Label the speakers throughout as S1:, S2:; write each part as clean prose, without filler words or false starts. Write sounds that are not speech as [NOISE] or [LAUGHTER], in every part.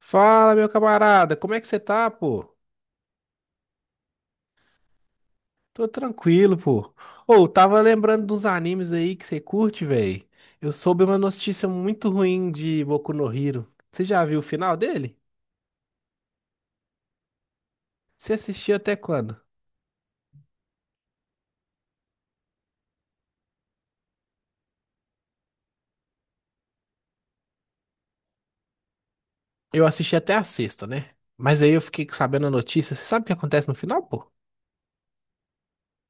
S1: Fala, meu camarada, como é que você tá, pô? Tô tranquilo, pô. Ô, tava lembrando dos animes aí que você curte, velho. Eu soube uma notícia muito ruim de Boku no Hero. Você já viu o final dele? Você assistiu até quando? Eu assisti até a sexta, né? Mas aí eu fiquei sabendo a notícia. Você sabe o que acontece no final, pô?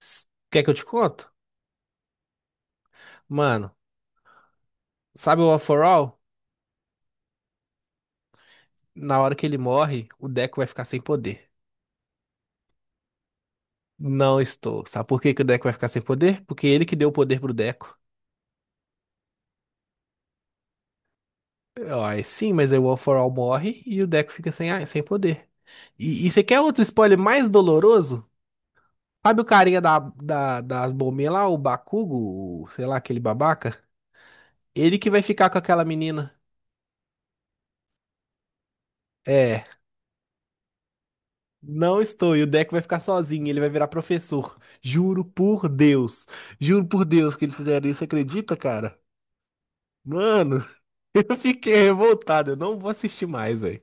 S1: Quer que eu te conto? Mano, sabe o One For All? Na hora que ele morre, o Deco vai ficar sem poder. Não estou. Sabe por que que o Deco vai ficar sem poder? Porque ele que deu o poder pro Deco. Ó, é sim, mas aí o All for All morre e o Deco fica sem, sem poder. E você quer outro spoiler mais doloroso? Sabe o carinha das bombinhas lá, o Bakugo, sei lá, aquele babaca? Ele que vai ficar com aquela menina. É, não estou. E o Deco vai ficar sozinho, ele vai virar professor. Juro por Deus. Juro por Deus que eles fizeram isso, você acredita, cara? Mano, [LAUGHS] eu fiquei revoltado, eu não vou assistir mais, velho.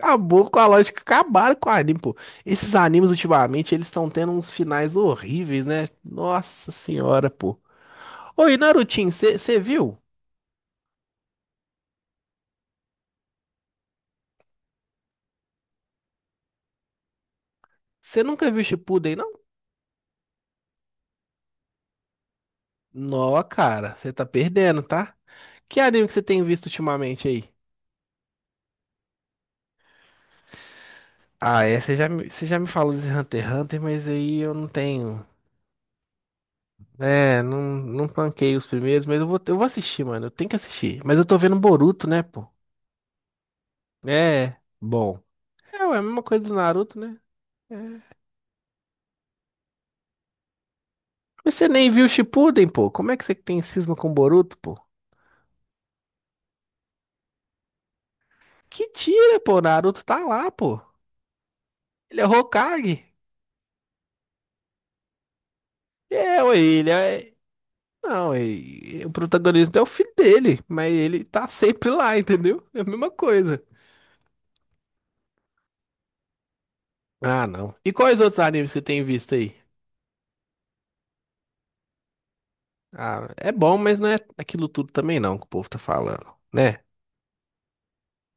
S1: Acabou com a lógica, acabaram com o anime, pô. Esses animes ultimamente, eles estão tendo uns finais horríveis, né? Nossa senhora, pô. Oi, Narutinho, você viu? Você nunca viu Shippuden, não? Nó, cara, você tá perdendo, tá? Que anime que você tem visto ultimamente aí? Ah, é, você já, você já me falou desse Hunter x Hunter, mas aí eu não tenho. É, não, não tanquei os primeiros, mas eu vou assistir, mano. Eu tenho que assistir. Mas eu tô vendo Boruto, né, pô? É, bom. É, ué, a mesma coisa do Naruto, né? É. Mas você nem viu o Shippuden, pô. Como é que você tem cisma com o Boruto, pô? Que tira, pô. O Naruto tá lá, pô. Ele é Hokage. É, ué, ele é... Não, o protagonista é o filho dele, mas ele tá sempre lá, entendeu? É a mesma coisa. Ah, não. E quais outros animes você tem visto aí? Ah, é bom, mas não é aquilo tudo também não que o povo tá falando, né?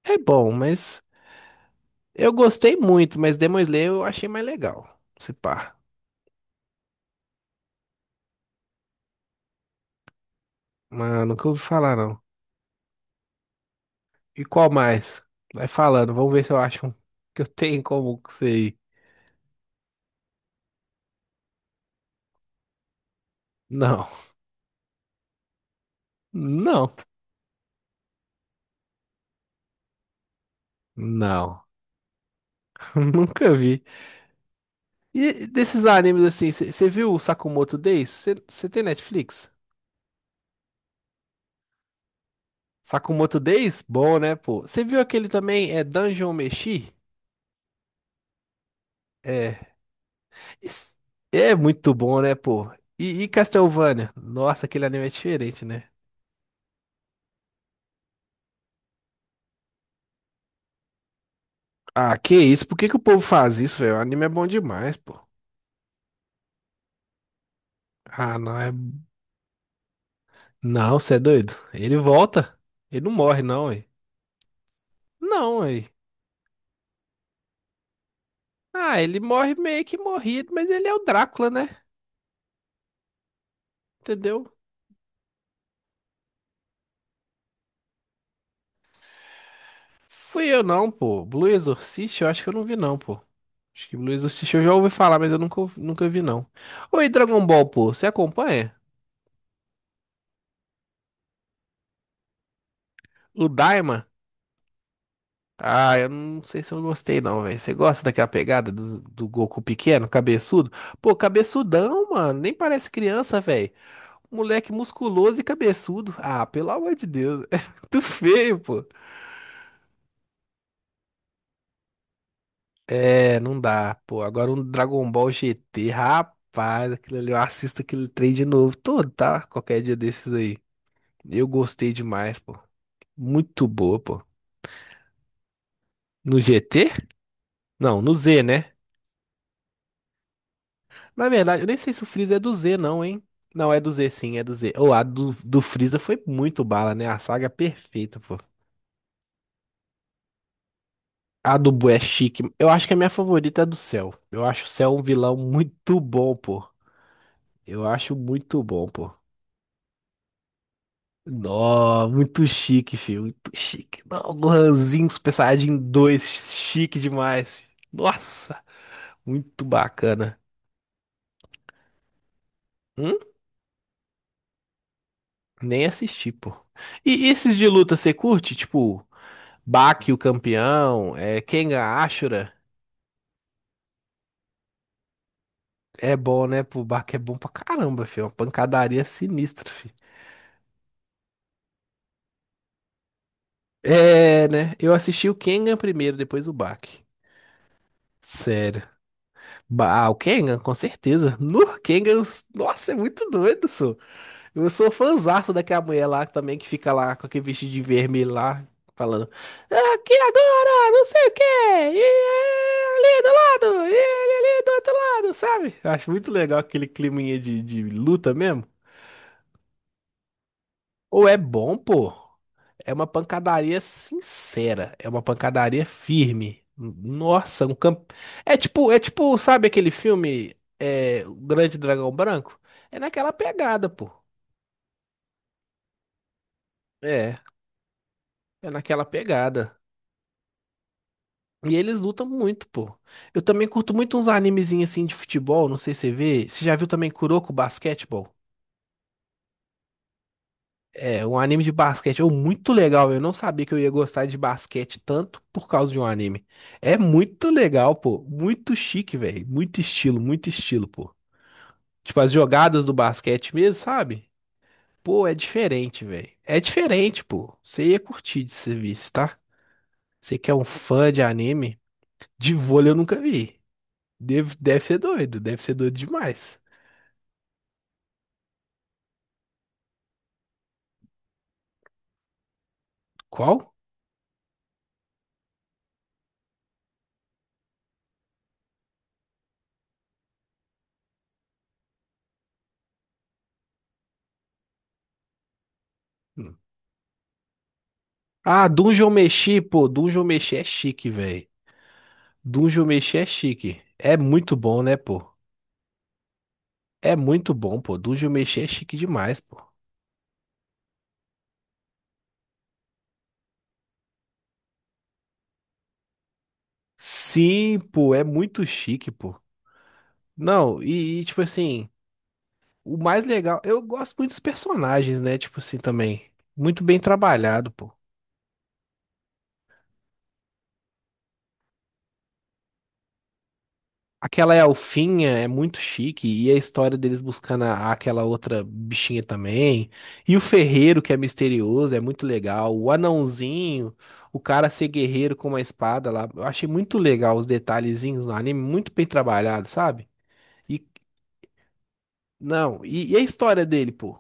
S1: É bom, mas eu gostei muito, mas Demon Slayer eu achei mais legal. Se pá. Mano, nunca ouvi falar não. E qual mais? Vai falando, vamos ver se eu acho um que eu tenho como que sei. Não, não, não. [LAUGHS] Nunca vi. E desses animes assim, você viu o Sakamoto Days? Você tem Netflix? Sakamoto Days? Bom, né, pô? Você viu aquele também, é Dungeon Meshi? É. Isso é muito bom, né, pô? E Castlevania? Nossa, aquele anime é diferente, né? Ah, que isso? Por que que o povo faz isso, velho? O anime é bom demais, pô. Ah, não, é Não, você é doido. Ele volta. Ele não morre, não, aí. Não, aí. Ah, ele morre meio que morrido, mas ele é o Drácula, né? Entendeu? Fui eu não, pô. Blue Exorcist, eu acho que eu não vi, não, pô. Acho que Blue Exorcist eu já ouvi falar, mas eu nunca, nunca vi, não. Oi, Dragon Ball, pô. Você acompanha? O Daima? Ah, eu não sei se eu gostei, não, velho. Você gosta daquela pegada do Goku pequeno, cabeçudo? Pô, cabeçudão, mano. Nem parece criança, velho. Moleque musculoso e cabeçudo. Ah, pelo amor de Deus. [LAUGHS] É muito feio, pô. É, não dá, pô. Agora um Dragon Ball GT, rapaz, aquilo ali, eu assisto aquele trem de novo. Todo, tá? Qualquer dia desses aí. Eu gostei demais, pô. Muito boa, pô. No GT? Não, no Z, né? Na verdade, eu nem sei se o Freeza é do Z, não, hein? Não, é do Z, sim, é do Z. Ou a do Freeza foi muito bala, né? A saga é perfeita, pô. A do Boo é chique. Eu acho que é a minha favorita é a do Cell. Eu acho o Cell um vilão muito bom, pô. Eu acho muito bom, pô. Nó, muito chique, filho. Muito chique. Não, Gohanzinho, Super Saiyajin 2, chique demais. Nossa, muito bacana. Hum? Nem assisti, pô. E esses de luta você curte? Tipo, Baki, o campeão, é, Kengan Ashura. É bom, né? Pô, Baki é bom pra caramba, filho. É uma pancadaria sinistra, filho. É, né? Eu assisti o Kengan primeiro, depois o Baki. Sério. Ah, o Kengan, com certeza. No Kengan, nossa, é muito doido, sou. Eu sou fãzaço daquela mulher lá também que fica lá com aquele vestido de vermelho lá, falando. Aqui agora, não sei o quê. E é ali do lado, e ali do outro lado, sabe? Acho muito legal aquele climinha de luta mesmo. Ou é bom, pô. É uma pancadaria sincera, é uma pancadaria firme. Nossa, um campo. É tipo, sabe aquele filme é, O Grande Dragão Branco? É naquela pegada, pô. É, é naquela pegada. E eles lutam muito, pô. Eu também curto muito uns animezinhos assim de futebol, não sei se você vê. Você já viu também Kuroko Basketball? É um anime de basquete, ou muito legal. Eu não sabia que eu ia gostar de basquete tanto por causa de um anime. É muito legal, pô. Muito chique, velho. Muito estilo, pô. Tipo, as jogadas do basquete mesmo, sabe? Pô, é diferente, velho. É diferente, pô. Você ia curtir de serviço, tá? Você que é um fã de anime, de vôlei eu nunca vi. Deve ser doido, deve ser doido demais. Qual? Hum. Ah, Dungeon Meshi, pô. Dungeon Meshi é chique, velho. Dungeon Meshi é chique. É muito bom, né, pô? É muito bom, pô. Dungeon Meshi é chique demais, pô. Sim, pô, é muito chique, pô. Não, e, tipo assim, o mais legal, eu gosto muito dos personagens, né? Tipo assim, também. Muito bem trabalhado, pô. Aquela elfinha é muito chique, e a história deles buscando aquela outra bichinha também. E o ferreiro, que é misterioso, é muito legal. O anãozinho, o cara ser guerreiro com uma espada lá. Eu achei muito legal os detalhezinhos no anime, muito bem trabalhado, sabe? E, não, e a história dele, pô?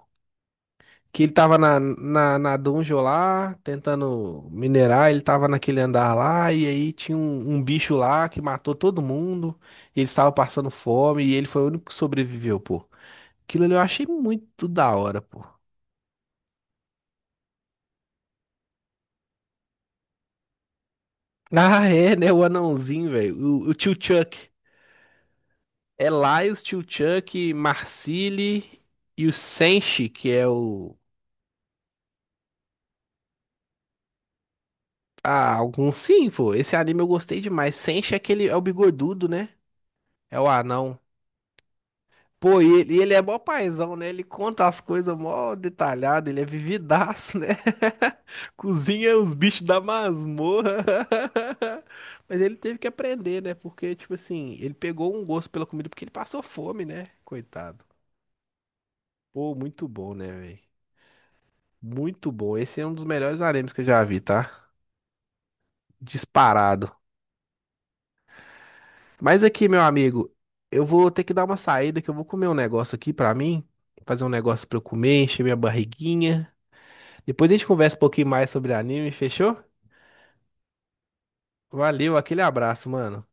S1: Que ele tava na dungeon lá, tentando minerar, ele tava naquele andar lá, e aí tinha um bicho lá que matou todo mundo, e eles estavam passando fome, e ele foi o único que sobreviveu, pô. Aquilo ali eu achei muito da hora, pô. Ah, é, né? O anãozinho, velho. O tio Chuck. É Laios, tio Chuck, Marcili e o Senshi, que é o. Ah, algum sim, pô. Esse anime eu gostei demais. Senshi é aquele. É o bigodudo, né? É o anão. Pô, e ele é mó paizão, né? Ele conta as coisas mó detalhado, ele é vividaço, né? [LAUGHS] Cozinha os bichos da masmorra. [LAUGHS] Mas ele teve que aprender, né? Porque, tipo assim, ele pegou um gosto pela comida porque ele passou fome, né? Coitado. Pô, muito bom, né, velho? Muito bom. Esse é um dos melhores animes que eu já vi, tá? Disparado. Mas aqui, meu amigo, eu vou ter que dar uma saída que eu vou comer um negócio aqui pra mim. Fazer um negócio pra eu comer, encher minha barriguinha. Depois a gente conversa um pouquinho mais sobre anime, fechou? Valeu, aquele abraço, mano.